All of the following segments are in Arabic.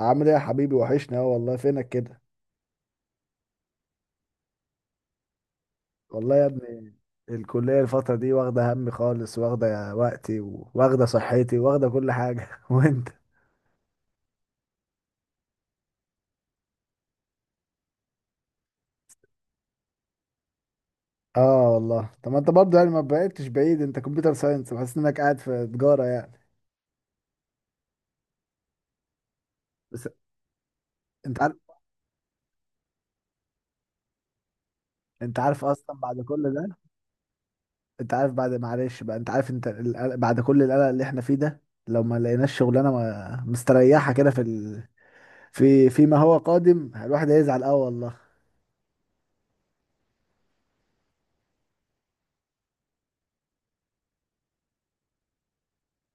عامل ايه يا حبيبي؟ وحشني اهو والله، فينك كده؟ والله يا ابني، الكلية الفترة دي واخدة همي خالص، واخدة وقتي واخدة صحتي، واخدة كل حاجة. وانت؟ اه والله. طب ما انت برضه يعني ما بعدتش بعيد، انت كمبيوتر ساينس، بحس انك قاعد في تجارة يعني. بس انت عارف، انت عارف اصلا بعد كل ده. انت عارف بعد، معلش بقى، انت عارف، بعد كل القلق اللي احنا فيه ده، لو ما لقيناش شغلانه مستريحه كده في فيما هو قادم، الواحد هيزعل، اه والله.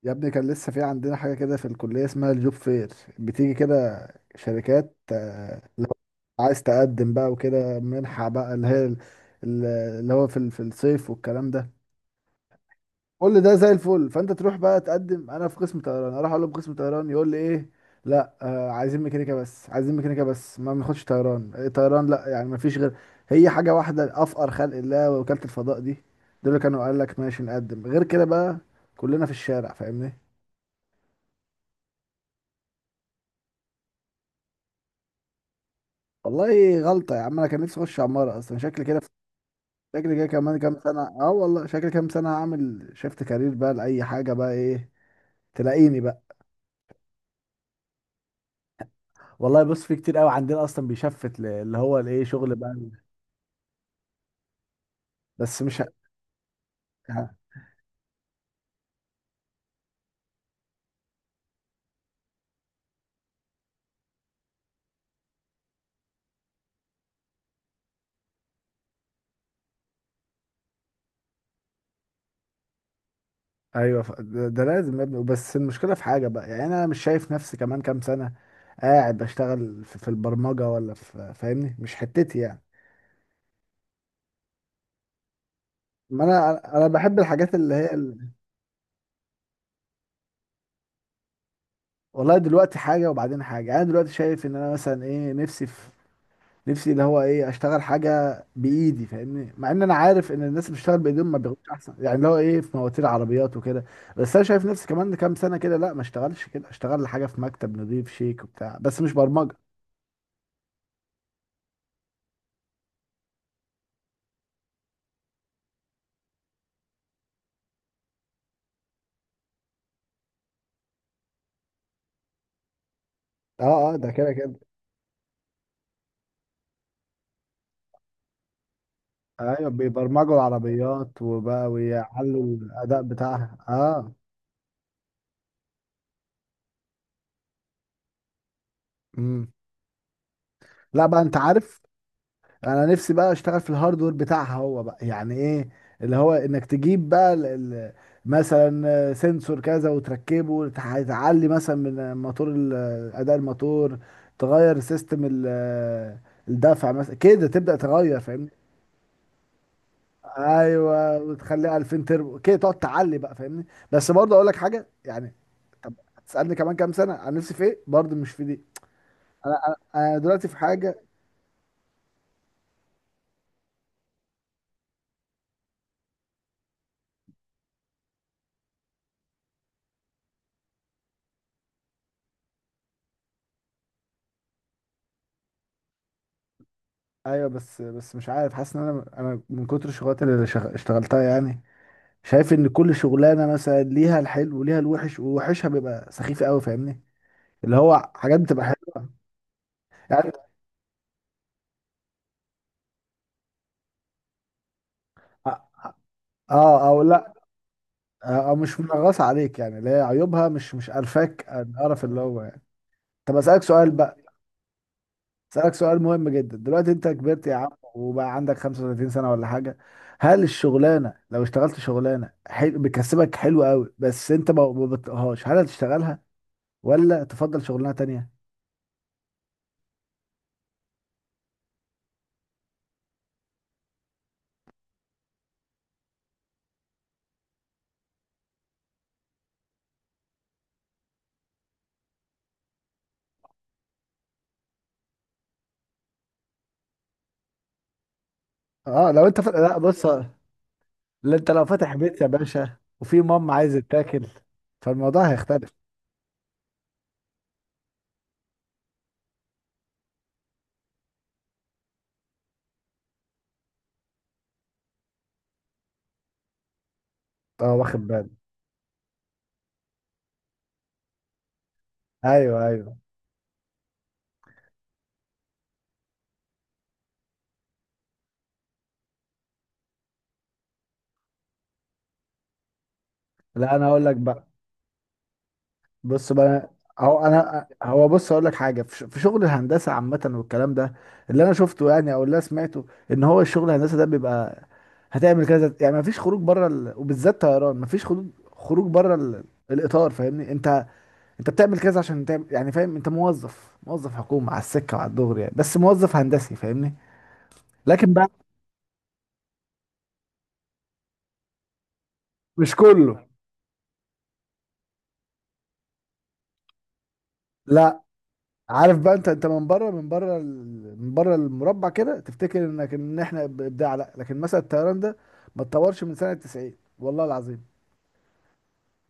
يا ابني كان لسه في عندنا حاجة كده في الكلية اسمها الجوب فير، بتيجي كده شركات، لو عايز تقدم بقى وكده، منحة بقى ال- اللي هو في الصيف والكلام ده. كل ده زي الفل، فانت تروح بقى تقدم، انا في قسم طيران، اروح اقول له في قسم طيران، يقول لي ايه؟ لا عايزين ميكانيكا بس، عايزين ميكانيكا بس، ما بناخدش طيران. إيه طيران لا يعني؟ ما فيش غير هي حاجة واحدة، افقر خلق الله وكالة الفضاء دي، دول اللي كانوا قال لك ماشي نقدم غير كده بقى؟ كلنا في الشارع فاهمني. والله غلطة يا عم، أنا كان نفسي أخش عمارة أصلا، شكلي كده، شكلي كده كمان كام سنة أه والله، شكلي كام سنة هعمل شيفت كارير بقى لأي حاجة بقى، إيه تلاقيني بقى. والله بص، في كتير قوي عندنا أصلا بيشفت اللي هو الإيه، شغل بقى. بس مش ه... ه- أيوه ده لازم يا ابني، بس المشكلة في حاجة بقى، يعني أنا مش شايف نفسي كمان كام سنة قاعد بشتغل في البرمجة ولا في، فاهمني؟ مش حتتي يعني. ما انا انا بحب الحاجات والله دلوقتي حاجه وبعدين حاجه، يعني انا دلوقتي شايف ان انا مثلا ايه، نفسي في، نفسي اللي هو ايه، اشتغل حاجه بايدي فاهمني، مع ان انا عارف ان الناس اللي بتشتغل بايديهم ما بياخدوش احسن، يعني اللي هو ايه، في مواتير عربيات وكده. بس انا شايف نفسي كمان كام سنه كده لا، ما اشتغلش كده، اشتغل حاجه في مكتب نضيف شيك وبتاع بس، مش برمجه. اه اه، ده كده كده. ايوه بيبرمجوا العربيات وبقى ويعلوا الاداء بتاعها، اه. امم لا بقى انت عارف، انا نفسي بقى اشتغل في الهاردوير بتاعها، هو بقى يعني ايه، اللي هو انك تجيب بقى مثلا سنسور كذا وتركبه، تعلي مثلا من موتور اداء الموتور، تغير سيستم الدفع مثلا كده، تبدأ تغير فاهمني. ايوه وتخليها 2000 تربو كده، تقعد تعلي بقى فاهمني. بس برضه اقول لك حاجه يعني، طب هتسألني كمان كام سنه عن نفسي في ايه؟ برضه مش في دي. انا أنا دلوقتي في حاجه. ايوه بس، بس مش عارف، حاسس ان انا من كتر الشغلات اشتغلتها يعني، شايف ان كل شغلانه مثلا ليها الحلو وليها الوحش، ووحشها بيبقى سخيف قوي فاهمني. اللي هو حاجات بتبقى حلوه يعني، اه او لا، او مش منغصه عليك يعني، اللي هي عيوبها مش، مش الفاك القرف اللي هو يعني. طب اسالك سؤال بقى، اسالك سؤال مهم جدا، دلوقتي انت كبرت يا عم، وبقى عندك 35 سنه ولا حاجه، هل الشغلانه لو اشتغلت شغلانه حلو بتكسبك حلو قوي بس انت ما بتطيقهاش، هل هتشتغلها ولا تفضل شغلانه تانية؟ اه لو انت لا بص، لا، انت لو فاتح بيت يا باشا وفي مام عايزه تاكل، فالموضوع هيختلف. اه واخد بالي. ايوه ايوه. لا انا هقول لك بقى، بص بقى، هو انا هو بص هقول لك حاجه في شغل الهندسه عامه والكلام ده، اللي انا شفته يعني او اللي انا سمعته، ان هو الشغل الهندسه ده بيبقى، هتعمل كذا يعني، مفيش خروج بره وبالذات طيران، مفيش خروج، خروج بره ال... الاطار فاهمني. انت، انت بتعمل كذا عشان تعمل يعني، فاهم؟ انت موظف، موظف حكومة على السكة وعلى الدغري يعني، بس موظف هندسي فاهمني. لكن بقى، مش كله، لا. عارف بقى، انت، انت من بره، من بره المربع كده تفتكر انك، ان احنا بابداع، لا، لكن مثلا الطيران ده ما اتطورش من سنة 90، والله العظيم.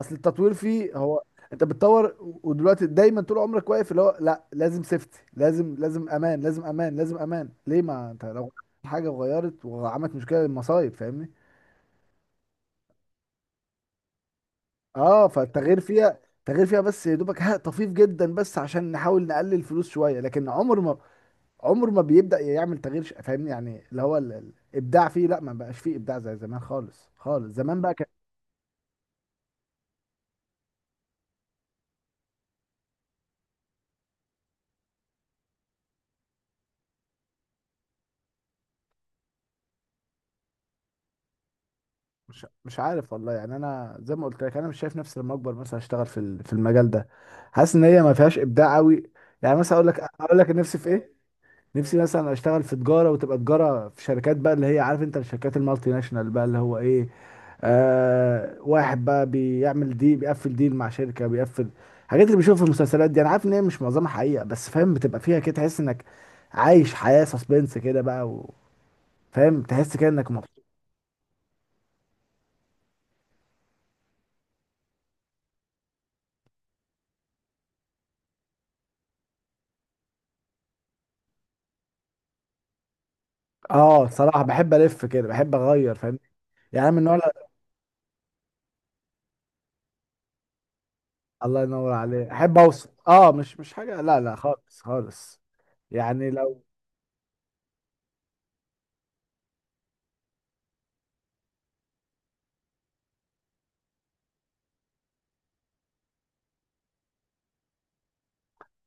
اصل التطوير فيه هو، انت بتطور، ودلوقتي دايما طول عمرك واقف اللي هو لا، لازم سيفتي، لازم، لازم امان، لازم امان، لازم امان، ليه؟ ما انت لو حاجة غيرت وعملت مشكلة، للمصايب فاهمني. اه فالتغيير فيها، التغيير فيها بس يا دوبك ها طفيف جدا، بس عشان نحاول نقلل فلوس شويه، لكن عمر ما، عمر ما بيبدأ يعمل فاهمني يعني، اللي هو الابداع فيه، لا ما بقاش فيه ابداع زي زمان خالص، خالص زمان بقى كان. مش عارف والله يعني، انا زي ما قلت لك، انا مش شايف نفسي لما اكبر مثلا اشتغل في المجال ده، حاسس ان هي ما فيهاش ابداع قوي يعني. مثلا اقول لك، اقول لك نفسي في ايه، نفسي مثلا اشتغل في تجاره، وتبقى تجاره في شركات بقى، اللي هي عارف انت، الشركات المالتي ناشونال بقى، اللي هو ايه، آه واحد بقى بيعمل دي، بيقفل ديل مع شركه، بيقفل، الحاجات اللي بنشوفها في المسلسلات دي، انا عارف ان هي مش معظمها حقيقه بس فاهم، بتبقى فيها كده تحس انك عايش حياه سسبنس كده بقى و... فاهم، تحس كده انك مبسوط. اه صراحه، بحب الف كده، بحب اغير فاهم، يعني أنا من نوع، الله ينور عليك، احب اوصل، اه مش، مش حاجه لا، لا خالص خالص، يعني لو،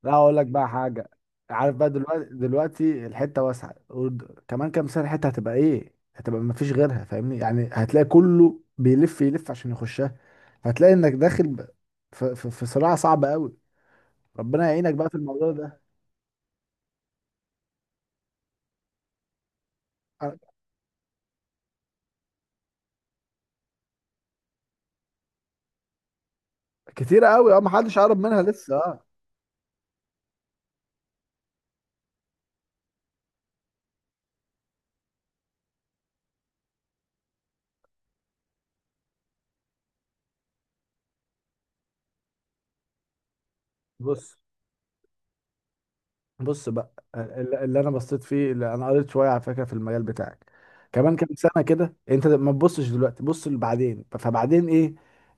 لا اقول لك بقى حاجه. عارف بقى دلوقتي، دلوقتي الحته واسعه كمان كام سنه الحته هتبقى ايه، هتبقى ما فيش غيرها فاهمني، يعني هتلاقي كله بيلف يلف عشان يخشها، هتلاقي انك في صراع صعب قوي، ربنا يعينك بقى في الموضوع ده. أنا- كتير قوي اه، ما حدش قرب منها لسه اه. بص، بص بقى اللي انا بصيت فيه، اللي انا قريت شويه على فكره في المجال بتاعك، كمان كام سنه كده، انت ما تبصش دلوقتي، بص لبعدين، فبعدين ايه،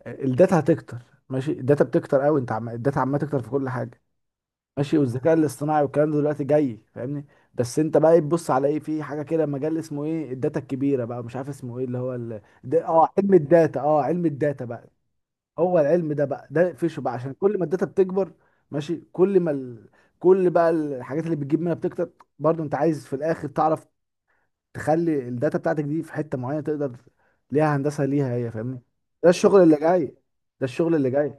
الداتا هتكتر، ماشي، الداتا بتكتر قوي، انت الداتا عماله تكتر في كل حاجه، ماشي، والذكاء الاصطناعي والكلام ده دلوقتي جاي فاهمني. بس انت بقى إيه، تبص على ايه، في حاجه كده مجال اسمه ايه، الداتا الكبيره بقى، مش عارف اسمه ايه، اللي هو اه علم الداتا، اه علم الداتا بقى، هو العلم ده بقى، ده فيشه بقى، عشان كل ما الداتا بتكبر، ماشي، كل ما كل بقى الحاجات اللي بتجيب منها بتكتر، برضو انت عايز في الاخر تعرف تخلي الداتا بتاعتك دي في حتة معينة تقدر، ليها هندسة ليها هي فاهمني، ده الشغل اللي جاي، ده الشغل اللي جاي.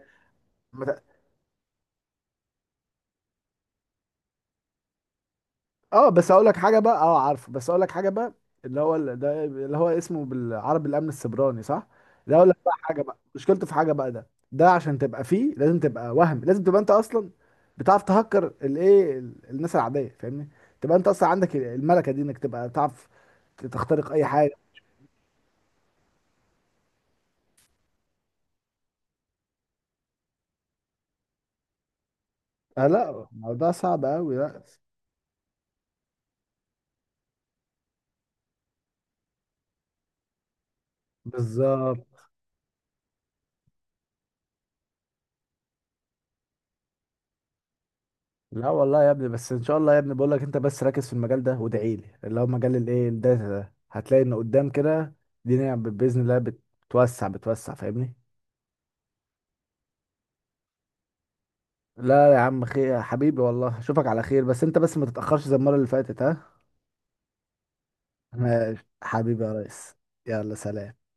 اه بس اقول لك حاجه بقى، اه عارفه، بس اقول لك حاجه بقى، اللي هو ده اللي هو اسمه بالعربي الامن السيبراني، صح؟ ده اقول لك بقى حاجه بقى، مشكلته في حاجه بقى ده، ده عشان تبقى فيه لازم تبقى وهم، لازم تبقى انت اصلا بتعرف تهكر الايه الناس العاديه فاهمني، تبقى انت اصلا عندك الملكه دي، انك تبقى تعرف تخترق اي حاجه. آه لا، الموضوع صعب قوي لا. بالظبط. لا والله يا ابني، بس ان شاء الله يا ابني، بقول لك انت بس ركز في المجال ده وادعي لي، اللي هو مجال الايه الداتا ده، هتلاقي ان قدام كده الدنيا باذن الله بتوسع، بتوسع فاهمني. لا يا عم خير يا حبيبي، والله اشوفك على خير، بس انت بس ما تتاخرش زي المره اللي فاتت، ها؟ ماشي حبيبي يا ريس. يلا سلام.